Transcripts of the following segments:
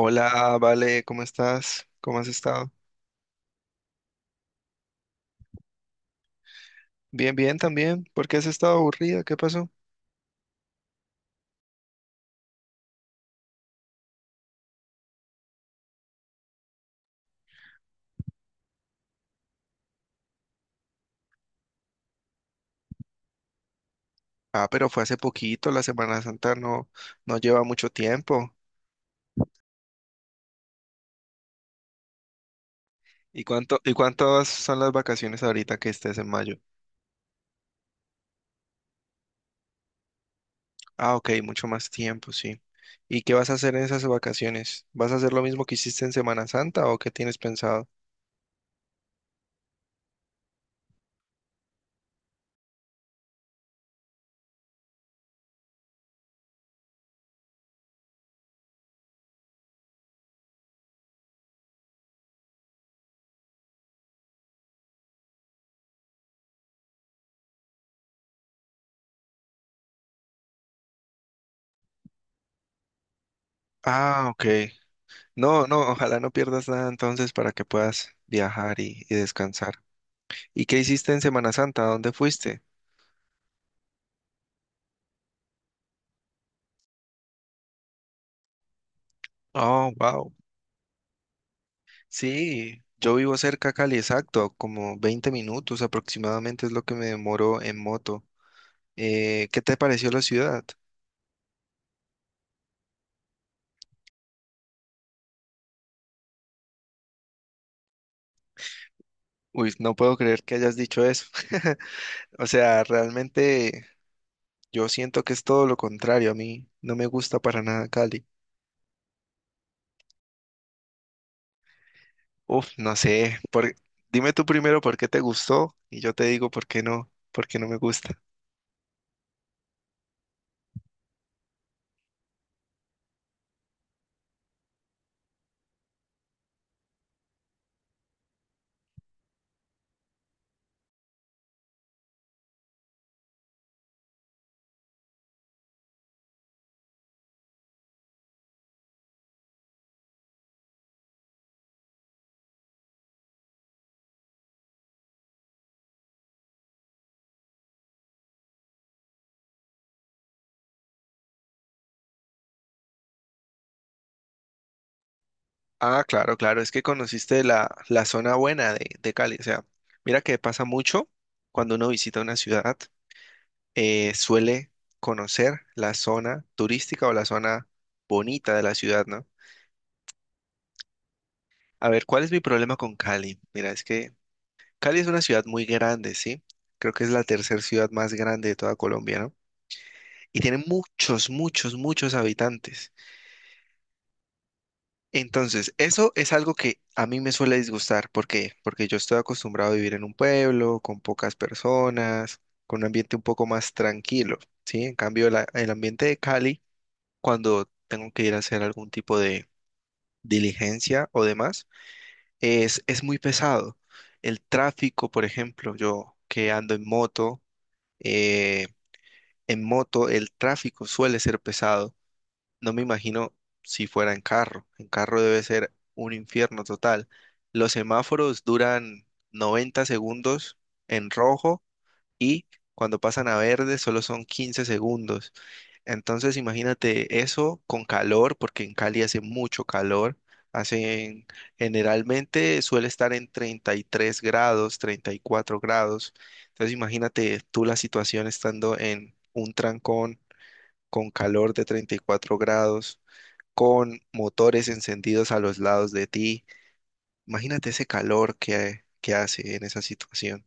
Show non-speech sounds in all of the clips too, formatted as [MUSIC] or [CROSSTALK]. Hola, Vale, ¿cómo estás? ¿Cómo has estado? Bien, bien también. ¿Por qué has estado aburrida? ¿Qué pasó? Ah, pero fue hace poquito, la Semana Santa no, no lleva mucho tiempo. ¿Y cuántas son las vacaciones ahorita que estés en mayo? Ah, ok, mucho más tiempo, sí. ¿Y qué vas a hacer en esas vacaciones? ¿Vas a hacer lo mismo que hiciste en Semana Santa o qué tienes pensado? Ah, ok. No, no, ojalá no pierdas nada entonces para que puedas viajar y descansar. ¿Y qué hiciste en Semana Santa? ¿A dónde fuiste? Oh, wow. Sí, yo vivo cerca a Cali, exacto, como 20 minutos aproximadamente es lo que me demoro en moto. ¿Qué te pareció la ciudad? Uy, no puedo creer que hayas dicho eso. [LAUGHS] O sea, realmente yo siento que es todo lo contrario. A mí no me gusta para nada Cali. Uf, no sé. Dime tú primero por qué te gustó y yo te digo por qué no me gusta. Ah, claro, claro, es que conociste la zona buena de Cali. O sea, mira que pasa mucho cuando uno visita una ciudad. Suele conocer la zona turística o la zona bonita de la ciudad, ¿no? A ver, ¿cuál es mi problema con Cali? Mira, es que Cali es una ciudad muy grande, ¿sí? Creo que es la tercera ciudad más grande de toda Colombia, ¿no? Y tiene muchos, muchos, muchos habitantes. Entonces, eso es algo que a mí me suele disgustar. ¿Por qué? Porque yo estoy acostumbrado a vivir en un pueblo, con pocas personas, con un ambiente un poco más tranquilo, ¿sí? En cambio, el ambiente de Cali cuando tengo que ir a hacer algún tipo de diligencia o demás, es muy pesado. El tráfico, por ejemplo, yo que ando eh, en moto el tráfico suele ser pesado. No me imagino si fuera en carro. En carro debe ser un infierno total. Los semáforos duran 90 segundos en rojo y cuando pasan a verde solo son 15 segundos. Entonces imagínate eso con calor, porque en Cali hace mucho calor. Hacen, generalmente suele estar en 33 grados, 34 grados. Entonces imagínate tú la situación estando en un trancón con calor de 34 grados, con motores encendidos a los lados de ti. Imagínate ese calor que hace en esa situación.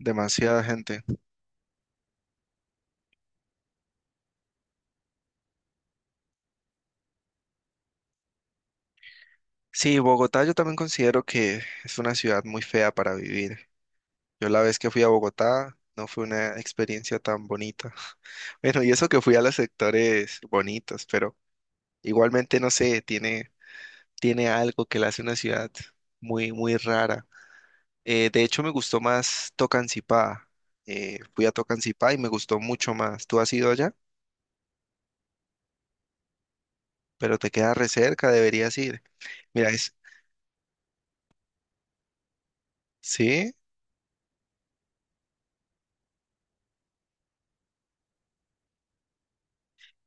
Demasiada gente. Sí, Bogotá yo también considero que es una ciudad muy fea para vivir. Yo la vez que fui a Bogotá no fue una experiencia tan bonita. [LAUGHS] Bueno, y eso que fui a los sectores bonitos, pero igualmente no sé, tiene algo que la hace una ciudad muy, muy rara. De hecho, me gustó más Tocancipá. Fui a Tocancipá y me gustó mucho más. Tú has ido allá, pero te queda re cerca, deberías ir. Mira, es, ¿sí?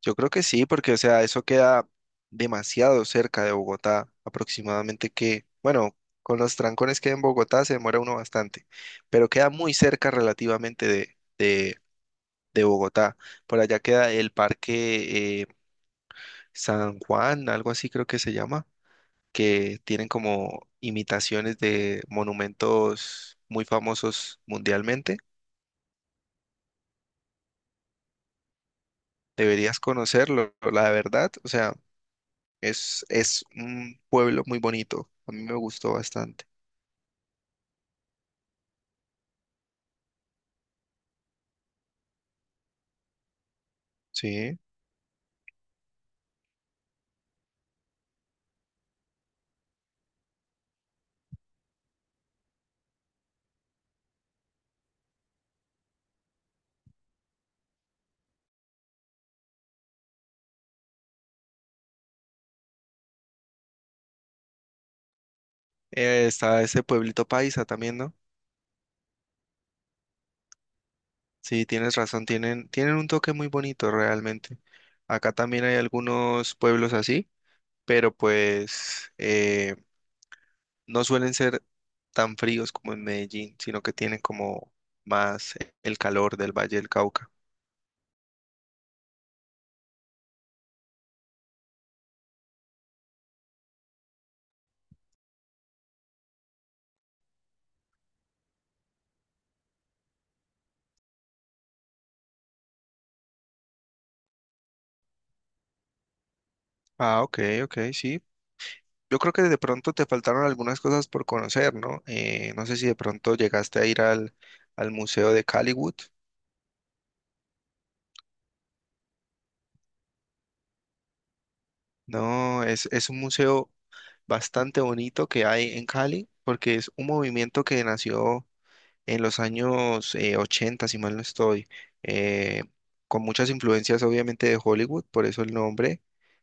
Yo creo que sí, porque, o sea, eso queda demasiado cerca de Bogotá, aproximadamente que, bueno, con los trancones que hay en Bogotá se demora uno bastante, pero queda muy cerca relativamente de Bogotá. Por allá queda el Parque San Juan, algo así creo que se llama, que tienen como imitaciones de monumentos muy famosos mundialmente. Deberías conocerlo, la verdad, o sea. Es un pueblo muy bonito. A mí me gustó bastante. Sí. Está ese pueblito paisa también, ¿no? Sí, tienes razón. Tienen un toque muy bonito realmente. Acá también hay algunos pueblos así, pero pues no suelen ser tan fríos como en Medellín, sino que tienen como más el calor del Valle del Cauca. Ah, ok, ok, sí. Yo creo que de pronto te faltaron algunas cosas por conocer, ¿no? No sé si de pronto llegaste a ir al Museo de Caliwood. No, es un museo bastante bonito que hay en Cali, porque es un movimiento que nació en los años 80, si mal no estoy, eh, con muchas influencias obviamente de Hollywood, por eso el nombre,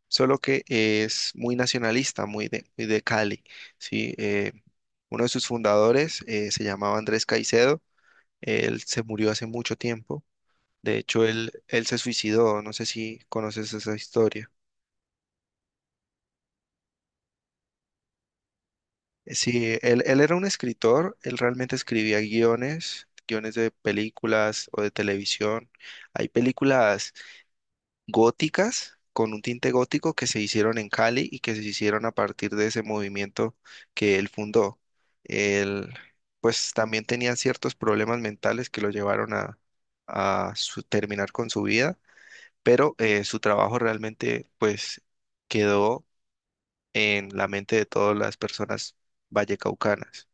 solo que es muy nacionalista, muy de Cali, ¿sí? Uno de sus fundadores se llamaba Andrés Caicedo. Él se murió hace mucho tiempo. De hecho, él se suicidó. No sé si conoces esa historia. Sí, él era un escritor. Él realmente escribía guiones de películas o de televisión. Hay películas góticas con un tinte gótico que se hicieron en Cali y que se hicieron a partir de ese movimiento que él fundó. Él, pues, también tenía ciertos problemas mentales que lo llevaron a terminar con su vida, pero su trabajo realmente pues quedó en la mente de todas las personas vallecaucanas.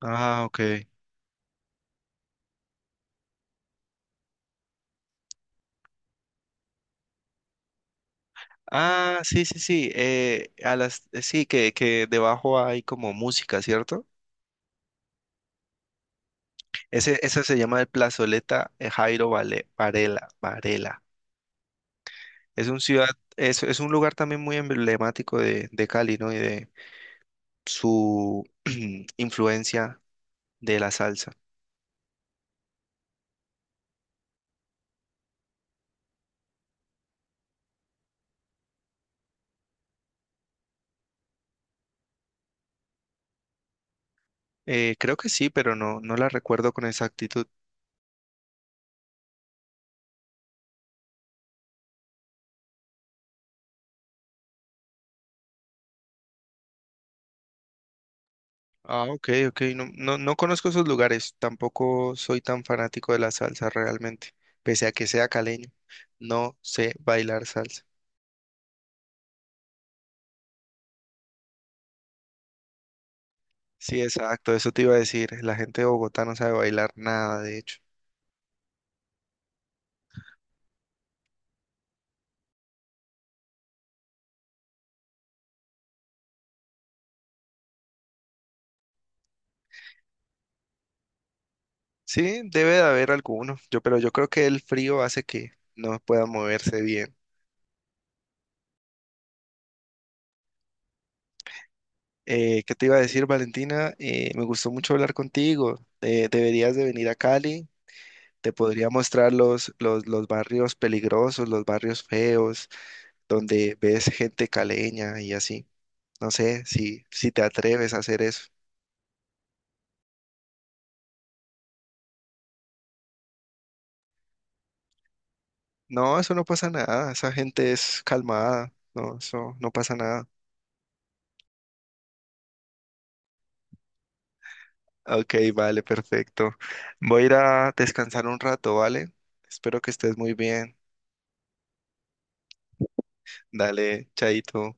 Ah, ok. Ah, sí, sí, sí. A las, sí, que debajo hay como música, ¿cierto? Esa se llama el Plazoleta Jairo Varela. Es un ciudad, es un lugar también muy emblemático de Cali, ¿no? Y de su [CLEARS THROAT] influencia de la salsa. Creo que sí, pero no la recuerdo con exactitud. Ah, ok, ok. No, no, no conozco esos lugares. Tampoco soy tan fanático de la salsa realmente. Pese a que sea caleño, no sé bailar salsa. Sí, exacto. Eso te iba a decir. La gente de Bogotá no sabe bailar nada, de hecho. Sí, debe de haber alguno. Pero yo creo que el frío hace que no pueda moverse bien. ¿Qué te iba a decir, Valentina? Me gustó mucho hablar contigo. Deberías de venir a Cali. Te podría mostrar los barrios peligrosos, los barrios feos donde ves gente caleña y así. No sé si, te atreves a hacer eso. No, eso no pasa nada. Esa gente es calmada. No, eso no pasa nada. Ok, vale, perfecto. Voy a ir a descansar un rato, ¿vale? Espero que estés muy bien. Dale, chaito.